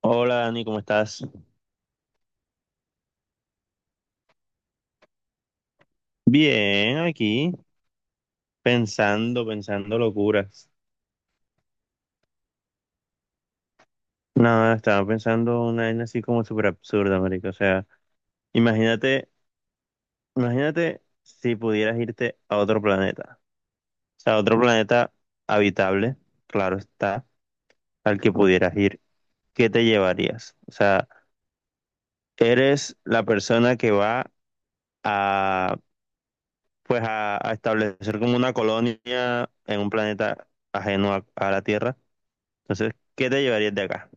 Hola Dani, ¿cómo estás? Bien, aquí pensando, pensando locuras. Nada, estaba pensando una vaina así como súper absurda, marica. O sea, imagínate, imagínate si pudieras irte a otro planeta. O sea, a otro planeta habitable, claro está, al que pudieras ir. ¿Qué te llevarías? O sea, eres la persona que va a, pues a establecer como una colonia en un planeta ajeno a la Tierra. Entonces, ¿qué te llevarías de acá?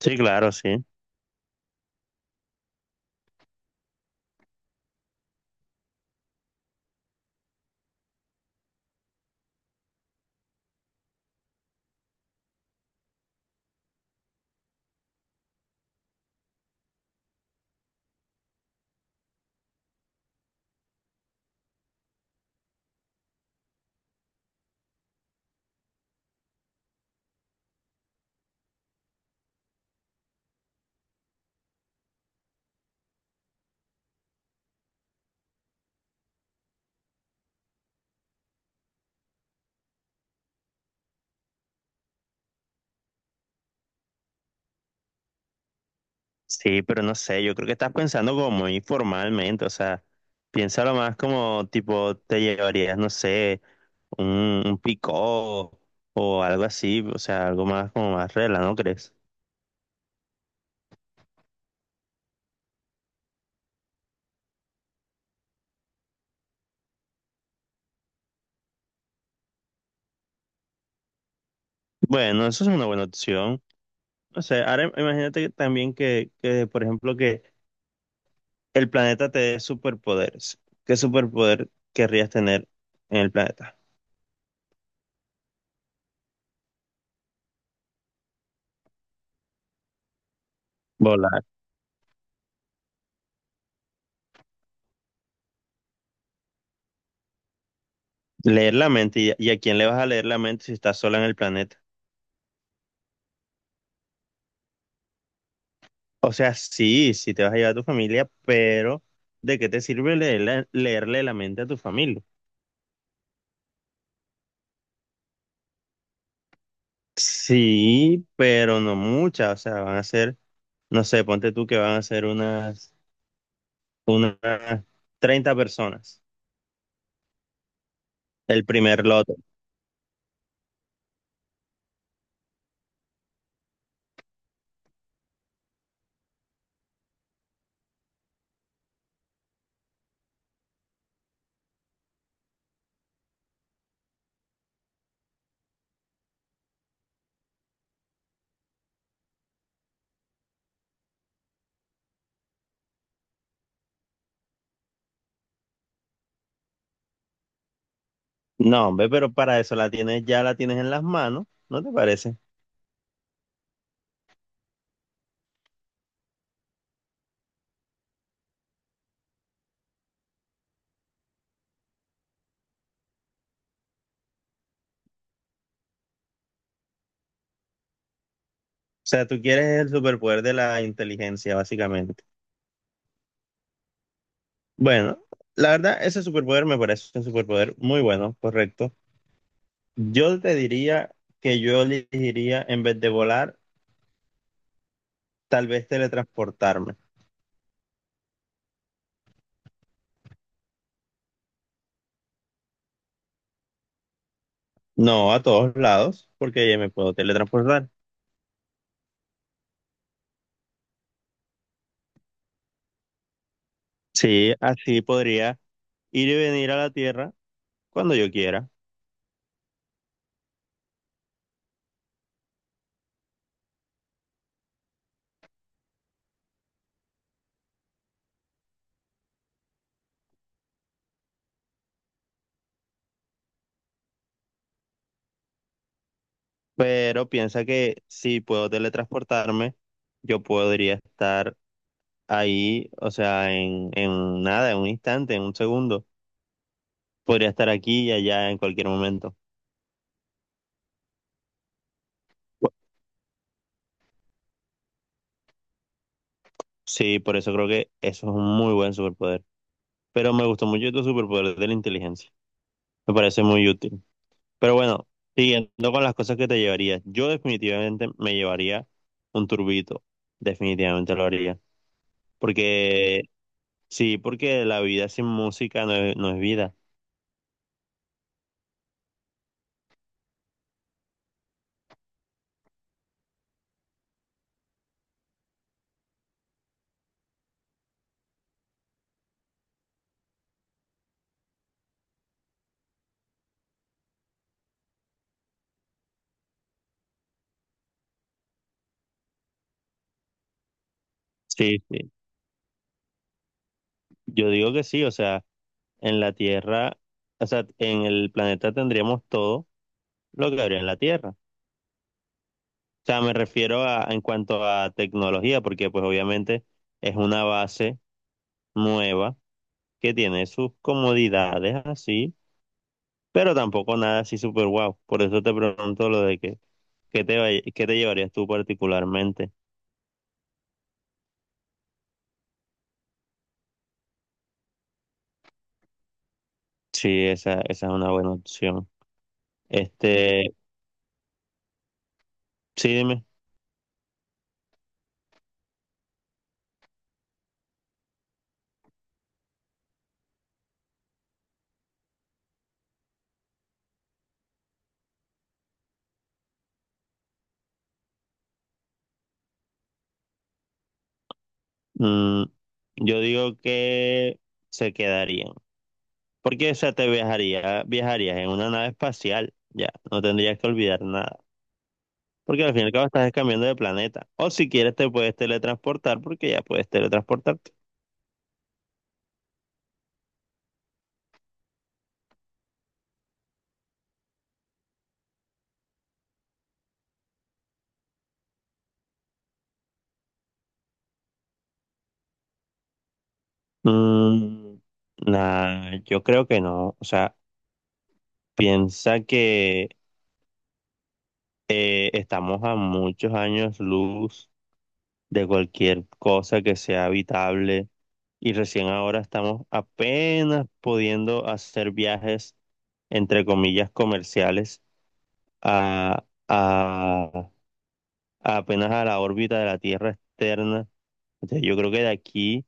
Sí, claro, sí. Sí, pero no sé, yo creo que estás pensando como informalmente, o sea, piénsalo más como tipo te llevarías, no sé, un picó o algo así, o sea, algo más como más regla, ¿no crees? Bueno, eso es una buena opción. O sea, ahora imagínate que también por ejemplo, que el planeta te dé superpoderes. ¿Qué superpoder querrías tener en el planeta? Volar. Leer la mente. ¿Y, y a quién le vas a leer la mente si estás sola en el planeta? O sea, sí, sí te vas a llevar a tu familia, pero ¿de qué te sirve leerle, leerle la mente a tu familia? Sí, pero no muchas, o sea, van a ser, no sé, ponte tú que van a ser unas, unas 30 personas, el primer lote. No, hombre, pero para eso la tienes, ya la tienes en las manos, ¿no te parece? O sea, tú quieres el superpoder de la inteligencia, básicamente. Bueno, la verdad, ese superpoder me parece un superpoder muy bueno, correcto. Yo te diría que yo elegiría, en vez de volar, tal vez teletransportarme. No a todos lados, porque ya me puedo teletransportar. Sí, así podría ir y venir a la Tierra cuando yo quiera. Pero piensa que si puedo teletransportarme, yo podría estar ahí, o sea, en nada, en un instante, en un segundo. Podría estar aquí y allá en cualquier momento. Bu- Sí, por eso creo que eso es un muy buen superpoder. Pero me gustó mucho tu superpoder de la inteligencia. Me parece muy útil. Pero bueno, siguiendo con las cosas que te llevarías, yo definitivamente me llevaría un turbito. Definitivamente lo haría. Porque, sí, porque la vida sin música no es, no es vida. Sí, sí. Yo digo que sí, o sea, en la Tierra, o sea, en el planeta tendríamos todo lo que habría en la Tierra. O sea, me refiero a, en cuanto a tecnología, porque pues obviamente es una base nueva que tiene sus comodidades así pero tampoco nada así súper guau. Por eso te pregunto lo de que, ¿qué te, qué te llevarías tú particularmente? Sí, esa es una buena opción. Este, sí, dime. Mm, yo digo que se quedarían. Porque, o sea, te viajaría, viajarías en una nave espacial, ya, no tendrías que olvidar nada. Porque al fin y al cabo estás cambiando de planeta. O si quieres te puedes teletransportar, porque ya puedes teletransportarte. Mm, nah, yo creo que no. O sea, piensa que estamos a muchos años luz de cualquier cosa que sea habitable y recién ahora estamos apenas pudiendo hacer viajes, entre comillas, comerciales a, a apenas a la órbita de la Tierra externa. Entonces yo creo que de aquí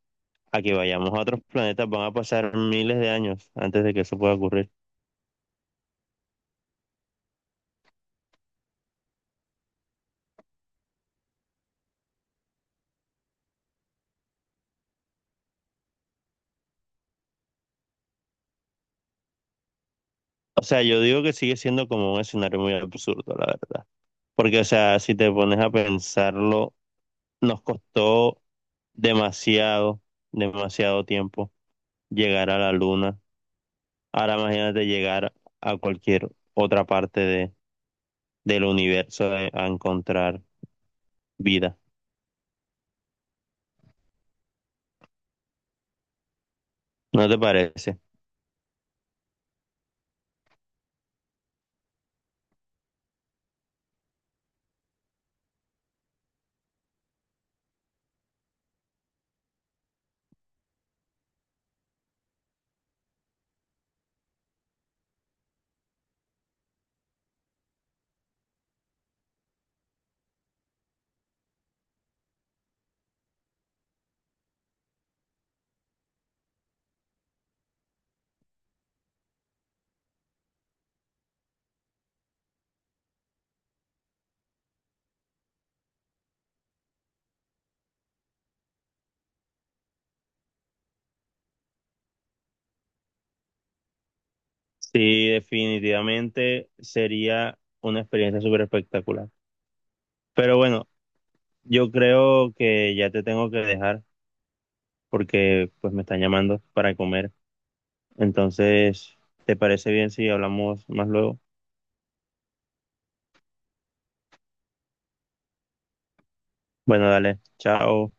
a que vayamos a otros planetas van a pasar miles de años antes de que eso pueda ocurrir. O sea, yo digo que sigue siendo como un escenario muy absurdo, la verdad. Porque, o sea, si te pones a pensarlo, nos costó demasiado, demasiado tiempo llegar a la luna. Ahora imagínate llegar a cualquier otra parte de, del universo a encontrar vida. ¿No te parece? Sí, definitivamente sería una experiencia súper espectacular. Pero bueno, yo creo que ya te tengo que dejar porque pues me están llamando para comer. Entonces, ¿te parece bien si hablamos más luego? Bueno, dale, chao.